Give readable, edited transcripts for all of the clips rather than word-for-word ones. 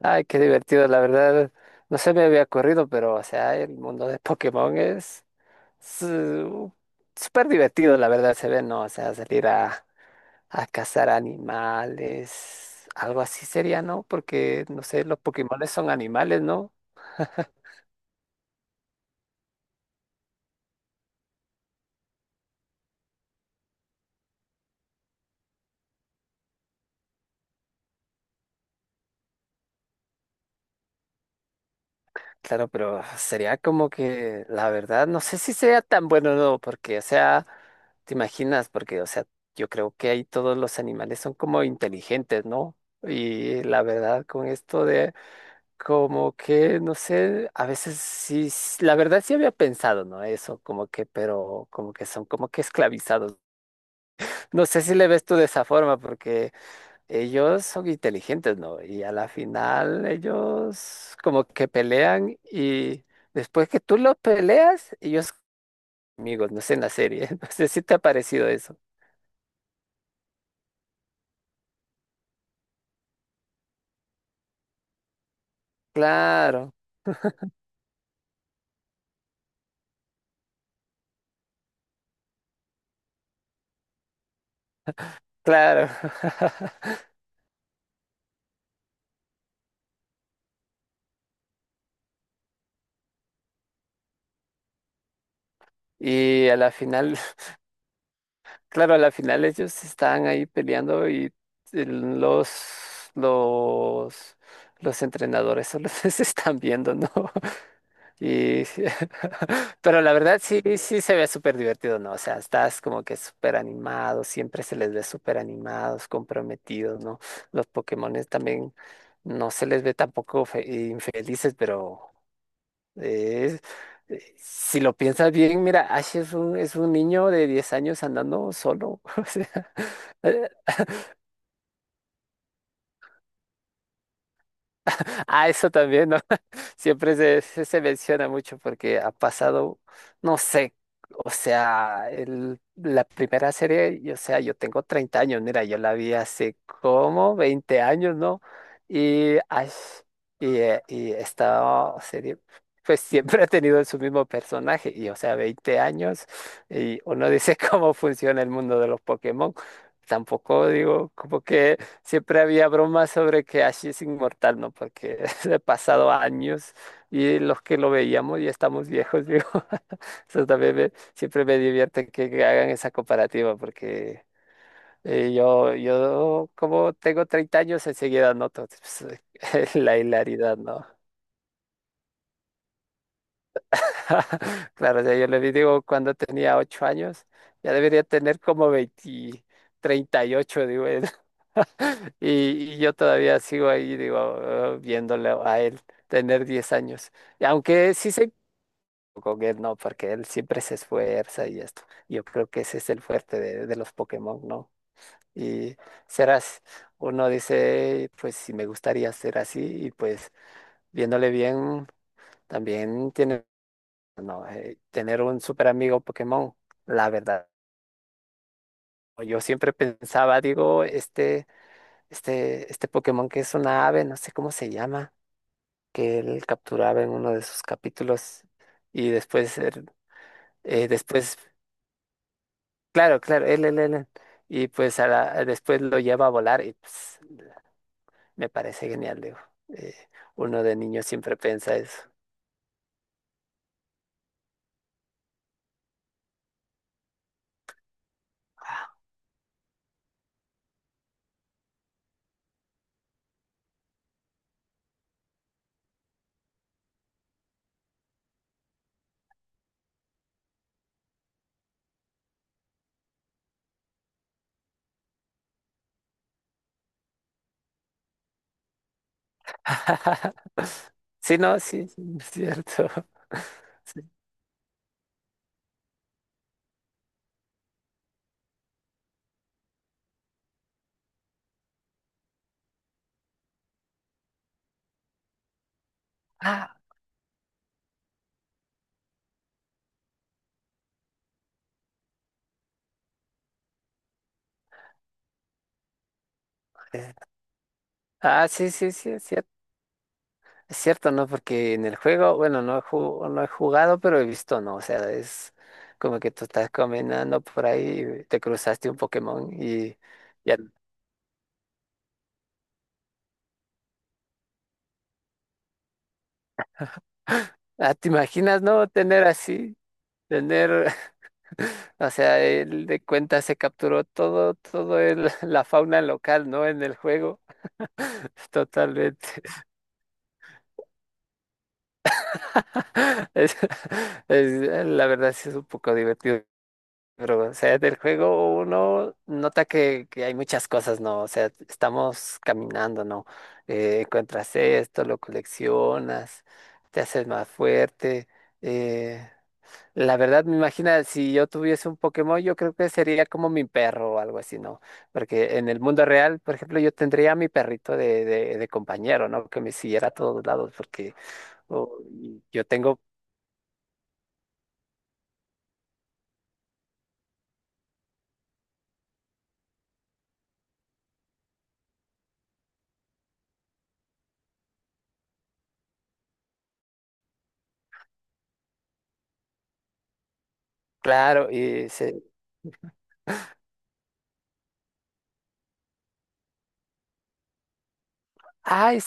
Ay, qué divertido, la verdad. No se me había ocurrido, pero, o sea, el mundo de Pokémon es su- súper divertido, la verdad, se ve, ¿no? O sea, salir a cazar animales, algo así sería, ¿no? Porque, no sé, los Pokémones son animales, ¿no? Claro, pero sería como que, la verdad, no sé si sería tan bueno o no, porque, o sea, te imaginas, porque, o sea, yo creo que ahí todos los animales son como inteligentes, ¿no? Y la verdad, con esto de Como que, no sé, a veces sí, la verdad sí había pensado, ¿no? Eso, como que, pero como que son como que esclavizados. No sé si le ves tú de esa forma, porque ellos son inteligentes, ¿no? Y a la final ellos como que pelean y después que tú los peleas, ellos amigos, no sé, en la serie. No sé si te ha parecido eso. Claro, claro. Y a la final Claro, a la final ellos estaban ahí peleando y el- los, los, los entrenadores solo se están viendo, ¿no? Y, pero la verdad sí, sí se ve súper divertido, ¿no? O sea, estás como que súper animado, siempre se les ve súper animados, comprometidos, ¿no? Los Pokémones también no se les ve tampoco infelices, pero es- Si lo piensas bien, mira, Ash es un niño de 10 años andando solo. O sea, Eh, Ah, eso también, ¿no? Siempre se menciona mucho porque ha pasado, no sé, o sea, el, la primera serie, y, o sea, yo tengo 30 años, mira, yo la vi hace como 20 años, ¿no? Y, ay, y esta serie, pues siempre ha tenido su mismo personaje, y o sea, 20 años, y uno dice cómo funciona el mundo de los Pokémon. Tampoco digo como que Siempre había bromas sobre que Ash es inmortal, ¿no? Porque he pasado años y los que lo veíamos ya estamos viejos, digo. Eso también siempre me divierte que hagan esa comparativa, porque yo como tengo 30 años, enseguida noto pues, la hilaridad, ¿no? Claro, o sea, yo le digo, cuando tenía 8 años, ya debería tener como 20, 38 digo. Y, y yo todavía sigo ahí, digo, ah, viéndolo a él tener 10 años. Y aunque sí se con él, no, porque él siempre se esfuerza y esto. Yo creo que ese es el fuerte de los Pokémon, ¿no? Y serás, uno dice, pues sí me gustaría ser así, y pues viéndole bien, también tiene, no, tener un super amigo Pokémon, la verdad. Yo siempre pensaba, digo, este Pokémon que es una ave, no sé cómo se llama que él capturaba en uno de sus capítulos y después, después, él, y pues a después lo lleva a volar y pues, me parece genial, digo. eh, uno de niño siempre piensa eso. Sí, no, sí, sí, es cierto. Ah, eh, ah, sí, sí, sí, es cierto. Es cierto, ¿no? Porque en el juego, bueno, no he jugado, pero he visto, ¿no? O sea, es como que tú estás caminando por ahí, y te cruzaste un Pokémon y ya, ah, ¿te imaginas, no? Tener así, tener, o sea, él de cuenta se capturó todo, todo el, la fauna local, ¿no? En el juego, totalmente. Es, la verdad sí es un poco divertido. Pero, o sea, del juego uno nota que hay muchas cosas, ¿no? O sea, estamos caminando, ¿no? Encuentras esto, lo coleccionas, te haces más fuerte. eh, la verdad, me imagina, si yo tuviese un Pokémon, yo creo que sería como mi perro o algo así, ¿no? Porque en el mundo real, por ejemplo, yo tendría a mi perrito de compañero, ¿no? Que me siguiera a todos lados, porque oh, yo tengo, claro, y se... Ah, es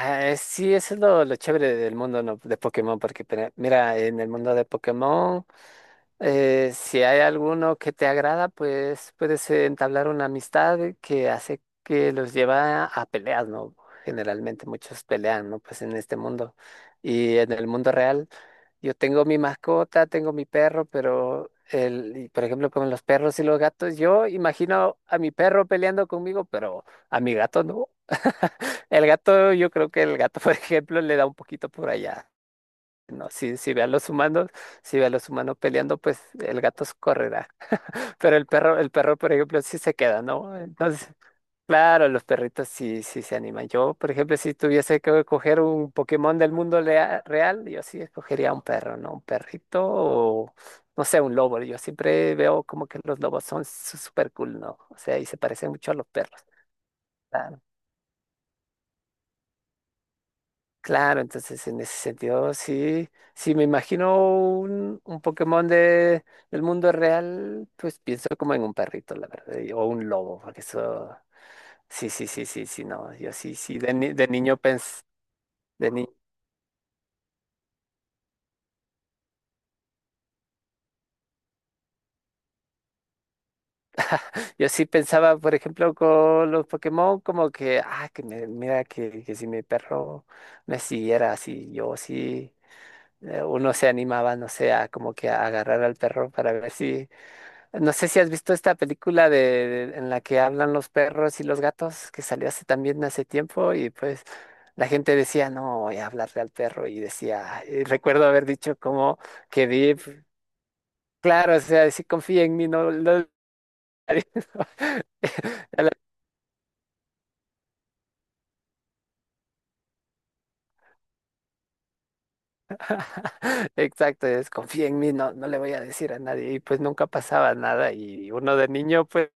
Ah, sí, eso es lo chévere del mundo, ¿no? de Pokémon, porque pero, mira, en el mundo de Pokémon. Si hay alguno que te agrada, pues puedes entablar una amistad que hace que los lleva a peleas, ¿no? Generalmente muchos pelean, ¿no? Pues en este mundo y en el mundo real. Yo tengo mi mascota, tengo mi perro, pero el, y, por ejemplo, con los perros y los gatos, yo imagino a mi perro peleando conmigo, pero a mi gato no. El gato, yo creo que el gato, por ejemplo, le da un poquito por allá. No, si ve a los humanos, si ve a los humanos peleando, pues el gato se correrá. Pero el perro, por ejemplo, sí se queda, ¿no? Entonces, claro, los perritos sí, sí se animan. Yo, por ejemplo, si tuviese que escoger un Pokémon del mundo real, yo sí escogería un perro, ¿no? Un perrito o, no sé, un lobo. Yo siempre veo como que los lobos son súper cool, ¿no? O sea, y se parecen mucho a los perros. Claro, entonces en ese sentido sí, sí me imagino un Pokémon de, del mundo real, pues pienso como en un perrito, la verdad, y- o un lobo, porque eso, sí, sí, sí, sí, sí, no, yo sí, sí, de, de niño pens, de ni- yo sí pensaba, por ejemplo, con los Pokémon, como que, ah, que mira, que si mi perro me siguiera así, yo sí, uno se animaba, no sé, a como que a agarrar al perro para ver si No sé si has visto esta película de, en la que hablan los perros y los gatos, que salió hace también hace tiempo, y pues la gente decía, no, voy a hablarle al perro, y decía, y recuerdo haber dicho como que vi, claro, o sea, si confía en mí, no lo... Exacto, es confía en mí, no, no le voy a decir a nadie, y pues nunca pasaba nada, y uno de niño, pues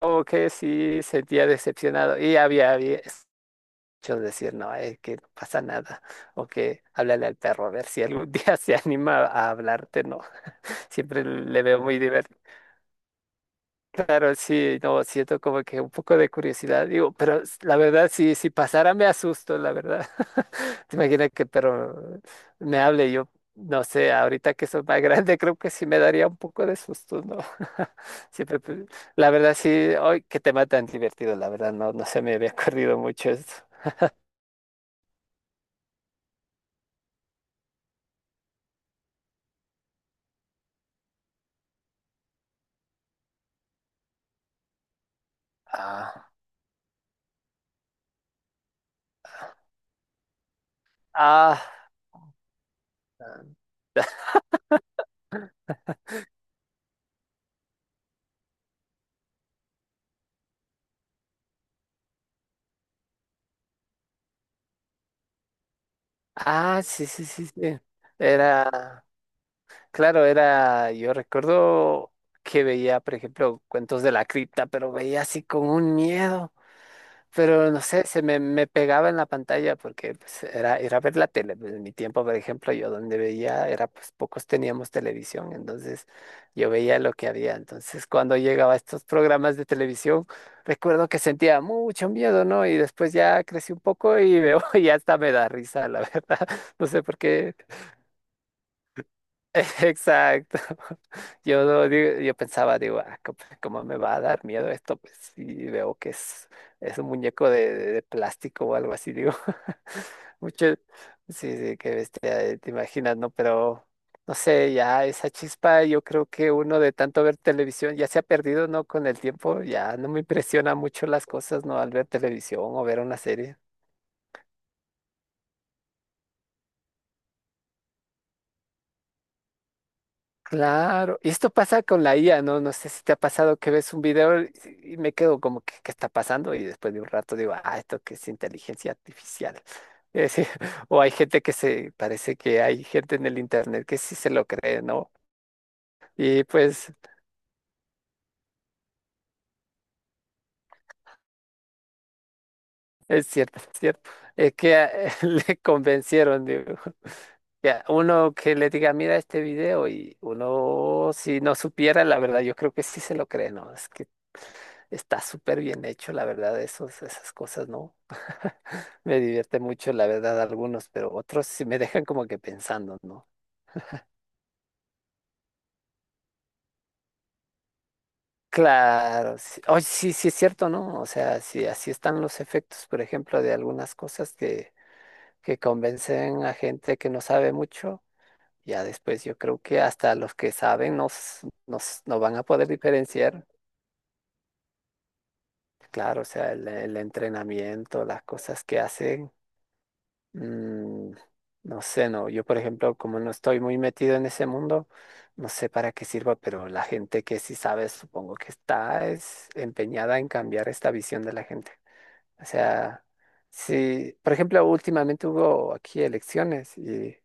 como que sí sentía decepcionado, y había Yo decir, no, es que no pasa nada. O que háblale al perro a ver si algún día se anima a hablarte, ¿no? Siempre le veo muy divertido. Claro, sí, no, siento como que un poco de curiosidad, digo, pero la verdad, si pasara me asusto, la verdad. ¿Te imaginas que el perro me hable? Yo, no sé, ahorita que soy más grande, creo que sí me daría un poco de susto, ¿no? Siempre, la verdad, sí, hoy que tema tan divertido, la verdad, no, no se me había ocurrido mucho esto. Ah, Ah. Ah, sí, sí, sí, sí. Era, claro, era, yo recuerdo que veía, por ejemplo, cuentos de la cripta, pero veía así con un miedo. Pero no sé, me pegaba en la pantalla porque pues, era, era ver la tele. Pues, en mi tiempo, por ejemplo, yo donde veía era, pues pocos teníamos televisión, entonces yo veía lo que había. Entonces, cuando llegaba a estos programas de televisión, recuerdo que sentía mucho miedo, ¿no? Y después ya crecí un poco y veo y hasta me da risa, la verdad. No sé por qué Exacto. Yo, no digo- yo pensaba, digo, "Ah, co- ¿cómo me va a dar miedo esto? Pues sí, veo que es un muñeco de, de plástico o algo así, digo. Mucho, sí, sí, qué bestia, te imaginas, ¿no? Pero, no sé, ya esa chispa, yo creo que uno de tanto ver televisión ya se ha perdido, ¿no? Con el tiempo, ya no me impresiona mucho las cosas, ¿no? Al ver televisión o ver una serie. Claro, y esto pasa con la IA, ¿no? No sé si te ha pasado que ves un video y si, y me quedo como que, ¿qué está pasando? Y después de un rato digo, ah, esto que es inteligencia artificial. Es decir, o hay gente que se, parece que hay gente en el internet que sí se lo cree, ¿no? Y pues es cierto, es cierto, es que le convencieron, digo. Ya, uno que le diga, mira este video y uno, si no supiera, la verdad, yo creo que sí se lo cree, ¿no? Es que está súper bien hecho, la verdad, esos, esas cosas, ¿no? Me divierte mucho, la verdad, algunos, pero otros sí me dejan como que pensando, ¿no? Claro, sí, Oye, sí, sí es cierto, ¿no? O sea, sí, así están los efectos, por ejemplo, de algunas cosas que convencen a gente que no sabe mucho. Ya después yo creo que hasta los que saben nos, nos, no van a poder diferenciar. Claro, o sea, el entrenamiento, las cosas que hacen, mm, no sé, no, yo por ejemplo, como no estoy muy metido en ese mundo, no sé para qué sirva, pero la gente que sí sabe, supongo que está es empeñada en cambiar esta visión de la gente. O sea, sí, por ejemplo, últimamente hubo aquí elecciones y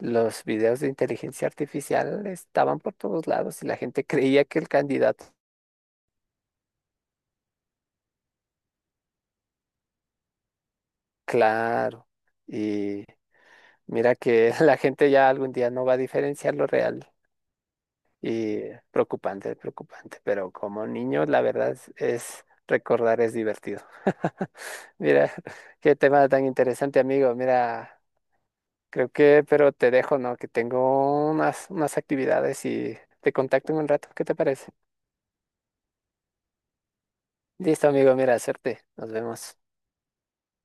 los videos de inteligencia artificial estaban por todos lados y la gente creía que el candidato, claro. Y Mira que la gente ya algún día no va a diferenciar lo real y preocupante, preocupante, pero como niño la verdad es- recordar es divertido. Mira, qué tema tan interesante, amigo. Mira, creo que, pero te dejo, ¿no? Que tengo unas, unas actividades y te contacto en un rato. ¿Qué te parece? Listo, amigo, mira, suerte. Nos vemos.